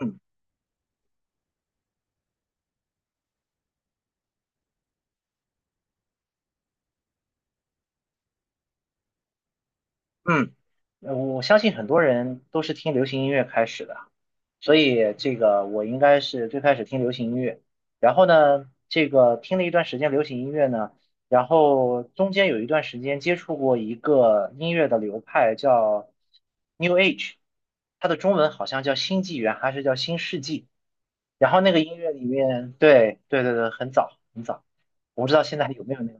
嗯嗯，我相信很多人都是听流行音乐开始的，所以这个我应该是最开始听流行音乐，然后呢，这个听了一段时间流行音乐呢，然后中间有一段时间接触过一个音乐的流派叫 New Age，它的中文好像叫新纪元还是叫新世纪，然后那个音乐里面，对对对对，很早很早，我不知道现在还有没有那个。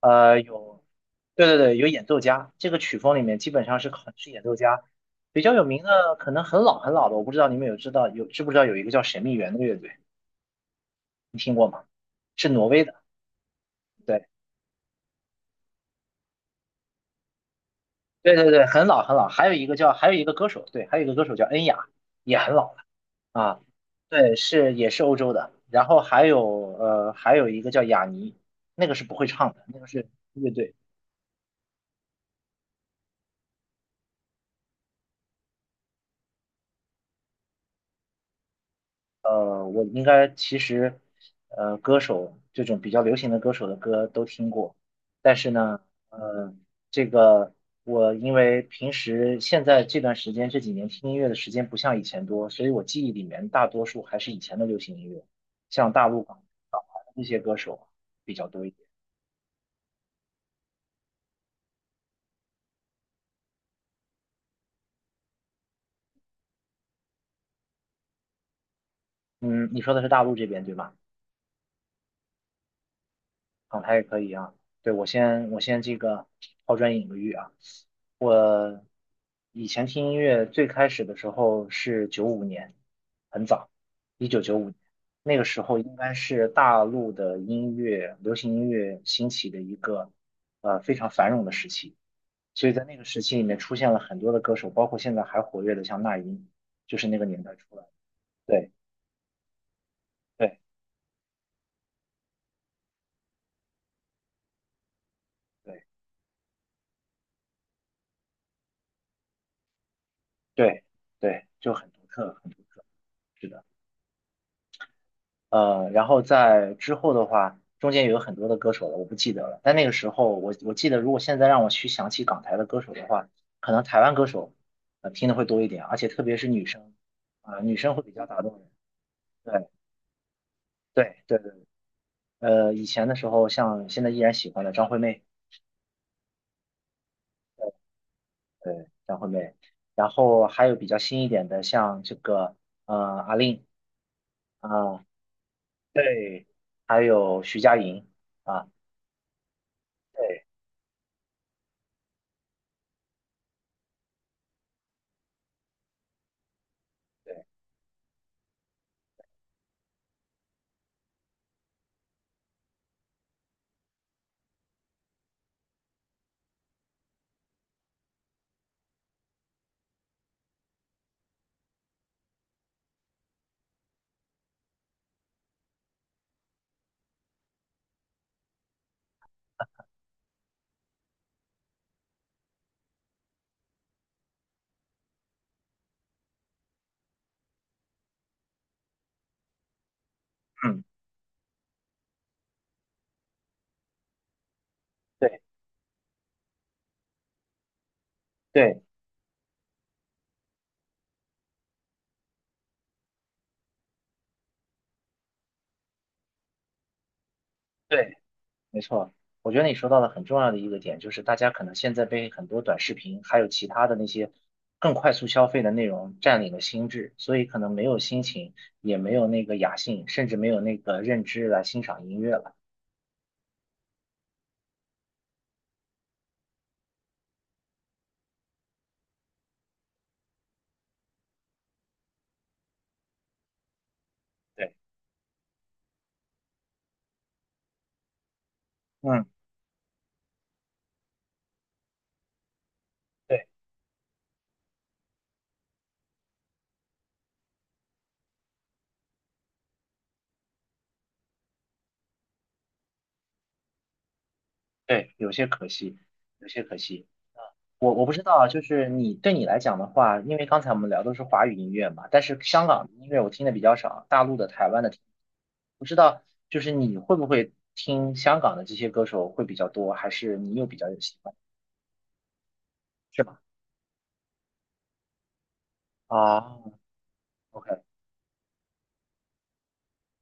有，对对对，有演奏家，这个曲风里面基本上是很是演奏家，比较有名的可能很老很老的，我不知道你们有知道有知不知道有一个叫神秘园的乐队，你听过吗？是挪威的，对对对对，很老很老，还有一个歌手，对，还有一个歌手叫恩雅，也很老了啊，对，是也是欧洲的，然后还有一个叫雅尼，那个是不会唱的，那个是乐队。我应该其实，歌手这种比较流行的歌手的歌都听过，但是呢，呃，这个我因为平时现在这段时间这几年听音乐的时间不像以前多，所以我记忆里面大多数还是以前的流行音乐，像大陆港台这些歌手啊比较多一点。嗯，你说的是大陆这边对吗？状态也可以啊。对，我先这个抛砖引玉啊。我以前听音乐最开始的时候是九五年，很早，1995年，那个时候应该是大陆的音乐，流行音乐兴起的一个非常繁荣的时期。所以在那个时期里面出现了很多的歌手，包括现在还活跃的像那英，就是那个年代出来的。对对对对对，就很独特，很独特。是的。然后在之后的话，中间有很多的歌手了，我不记得了。但那个时候，我记得，如果现在让我去想起港台的歌手的话，可能台湾歌手，听的会多一点，而且特别是女生，啊、女生会比较打动人。对对对对，以前的时候，像现在依然喜欢的张惠妹，对，张惠妹，然后还有比较新一点的，像这个，阿令啊、对，还有徐佳莹啊，对对，嗯，对对。对，没错，我觉得你说到了很重要的一个点，就是大家可能现在被很多短视频，还有其他的那些更快速消费的内容占领了心智，所以可能没有心情，也没有那个雅兴，甚至没有那个认知来欣赏音乐了。对，嗯，对对，有些可惜，有些可惜。我不知道啊，就是你来讲的话，因为刚才我们聊都是华语音乐嘛，但是香港的音乐我听的比较少，大陆的、台湾的听，不知道就是你会不会听香港的这些歌手会比较多，还是你又比较有习惯，是吧？啊，OK，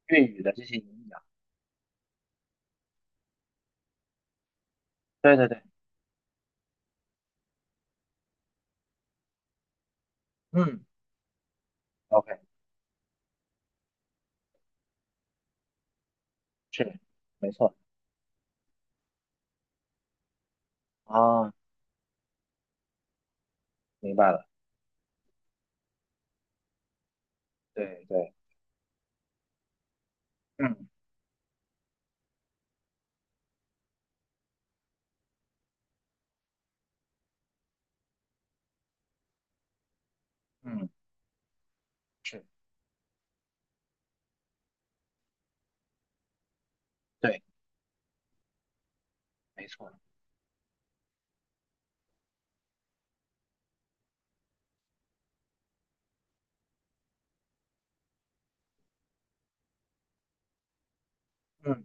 粤语的这些音乐啊，对对对，嗯，OK，是，没错，啊，明白了，对对，嗯嗯，是，对，没错，嗯，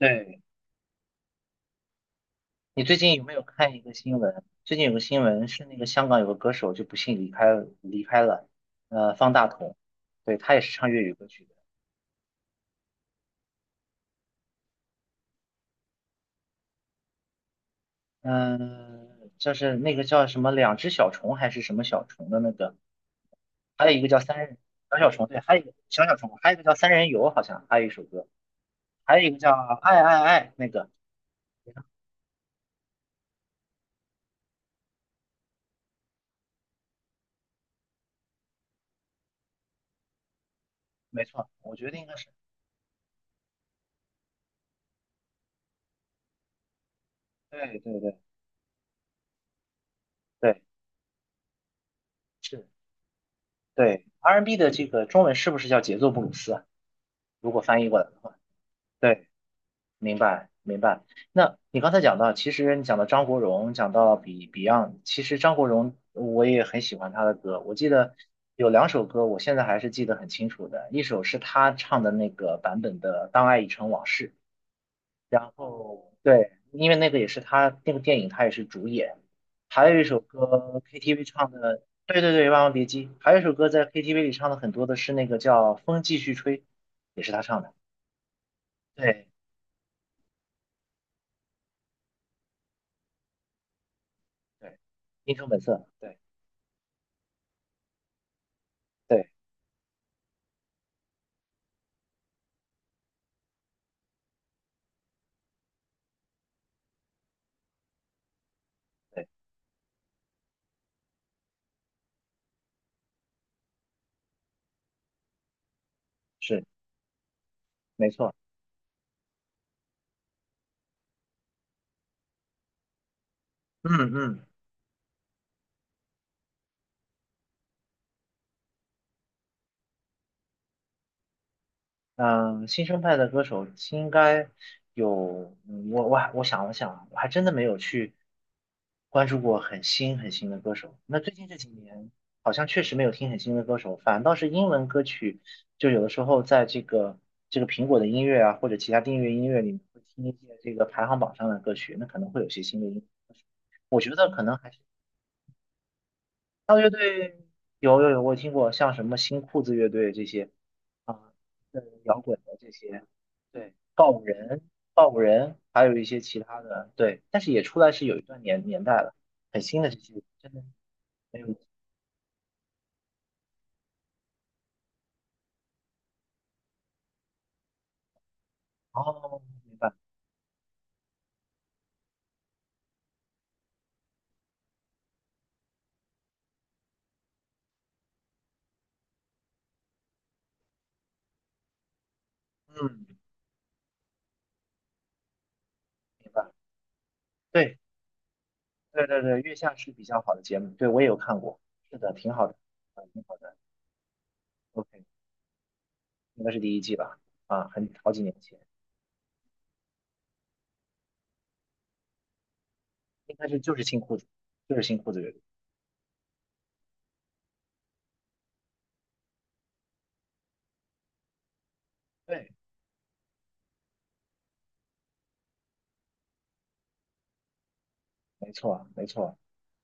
对。你最近有没有看一个新闻？最近有个新闻是那个香港有个歌手就不幸离开了，方大同，对，他也是唱粤语歌曲的，嗯、就是那个叫什么两只小虫还是什么小虫的那个，还有一个叫三人小小虫，对，还有一个小小虫，还有一个叫三人游，好像还有一首歌，还有一个叫爱爱爱那个，没错，我觉得应该是，对对对对，是，对，R&B n 的这个中文是不是叫节奏布鲁斯啊？如果翻译过来的话，对。明白，明白。那你刚才讲到，其实你讲到张国荣，讲到 Beyond，其实张国荣我也很喜欢他的歌。我记得有两首歌，我现在还是记得很清楚的。一首是他唱的那个版本的《当爱已成往事》，然后对，因为那个也是他那个电影，他也是主演。还有一首歌 KTV 唱的，对对对，《万万别姬》。还有一首歌在 KTV 里唱的很多的是那个叫《风继续吹》，也是他唱的。对对，英雄本色。对。对。对，是没错。嗯嗯，嗯，新生代的歌手应该有，嗯我想了想，我还真的没有去关注过很新很新的歌手。那最近这几年好像确实没有听很新的歌手，反倒是英文歌曲，就有的时候在这个苹果的音乐啊，或者其他订阅音乐里面会听一些这个排行榜上的歌曲，那可能会有些新的音。我觉得可能还是，那乐队有有有，我听过像什么新裤子乐队这些，啊，个人摇滚的这些，对，嗯告五人，还有一些其他的，对，但是也出来是有一段年代了，很新的这些真的没有。哦，明白，嗯，明白，对，对对对，月下是比较好的节目，对我也有看过，是的，挺好的，啊，挺好的，OK，应该是第一季吧，啊，很好几年前，应该是就是新裤子，就是新裤子乐队，对，没错，没错。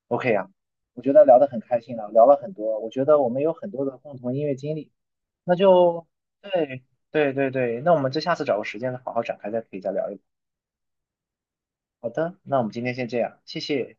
OK 啊，我觉得聊得很开心了，聊了很多，我觉得我们有很多的共同音乐经历，那就对对对对，那我们就下次找个时间再好好展开，再可以再聊一聊。好的，那我们今天先这样，谢谢。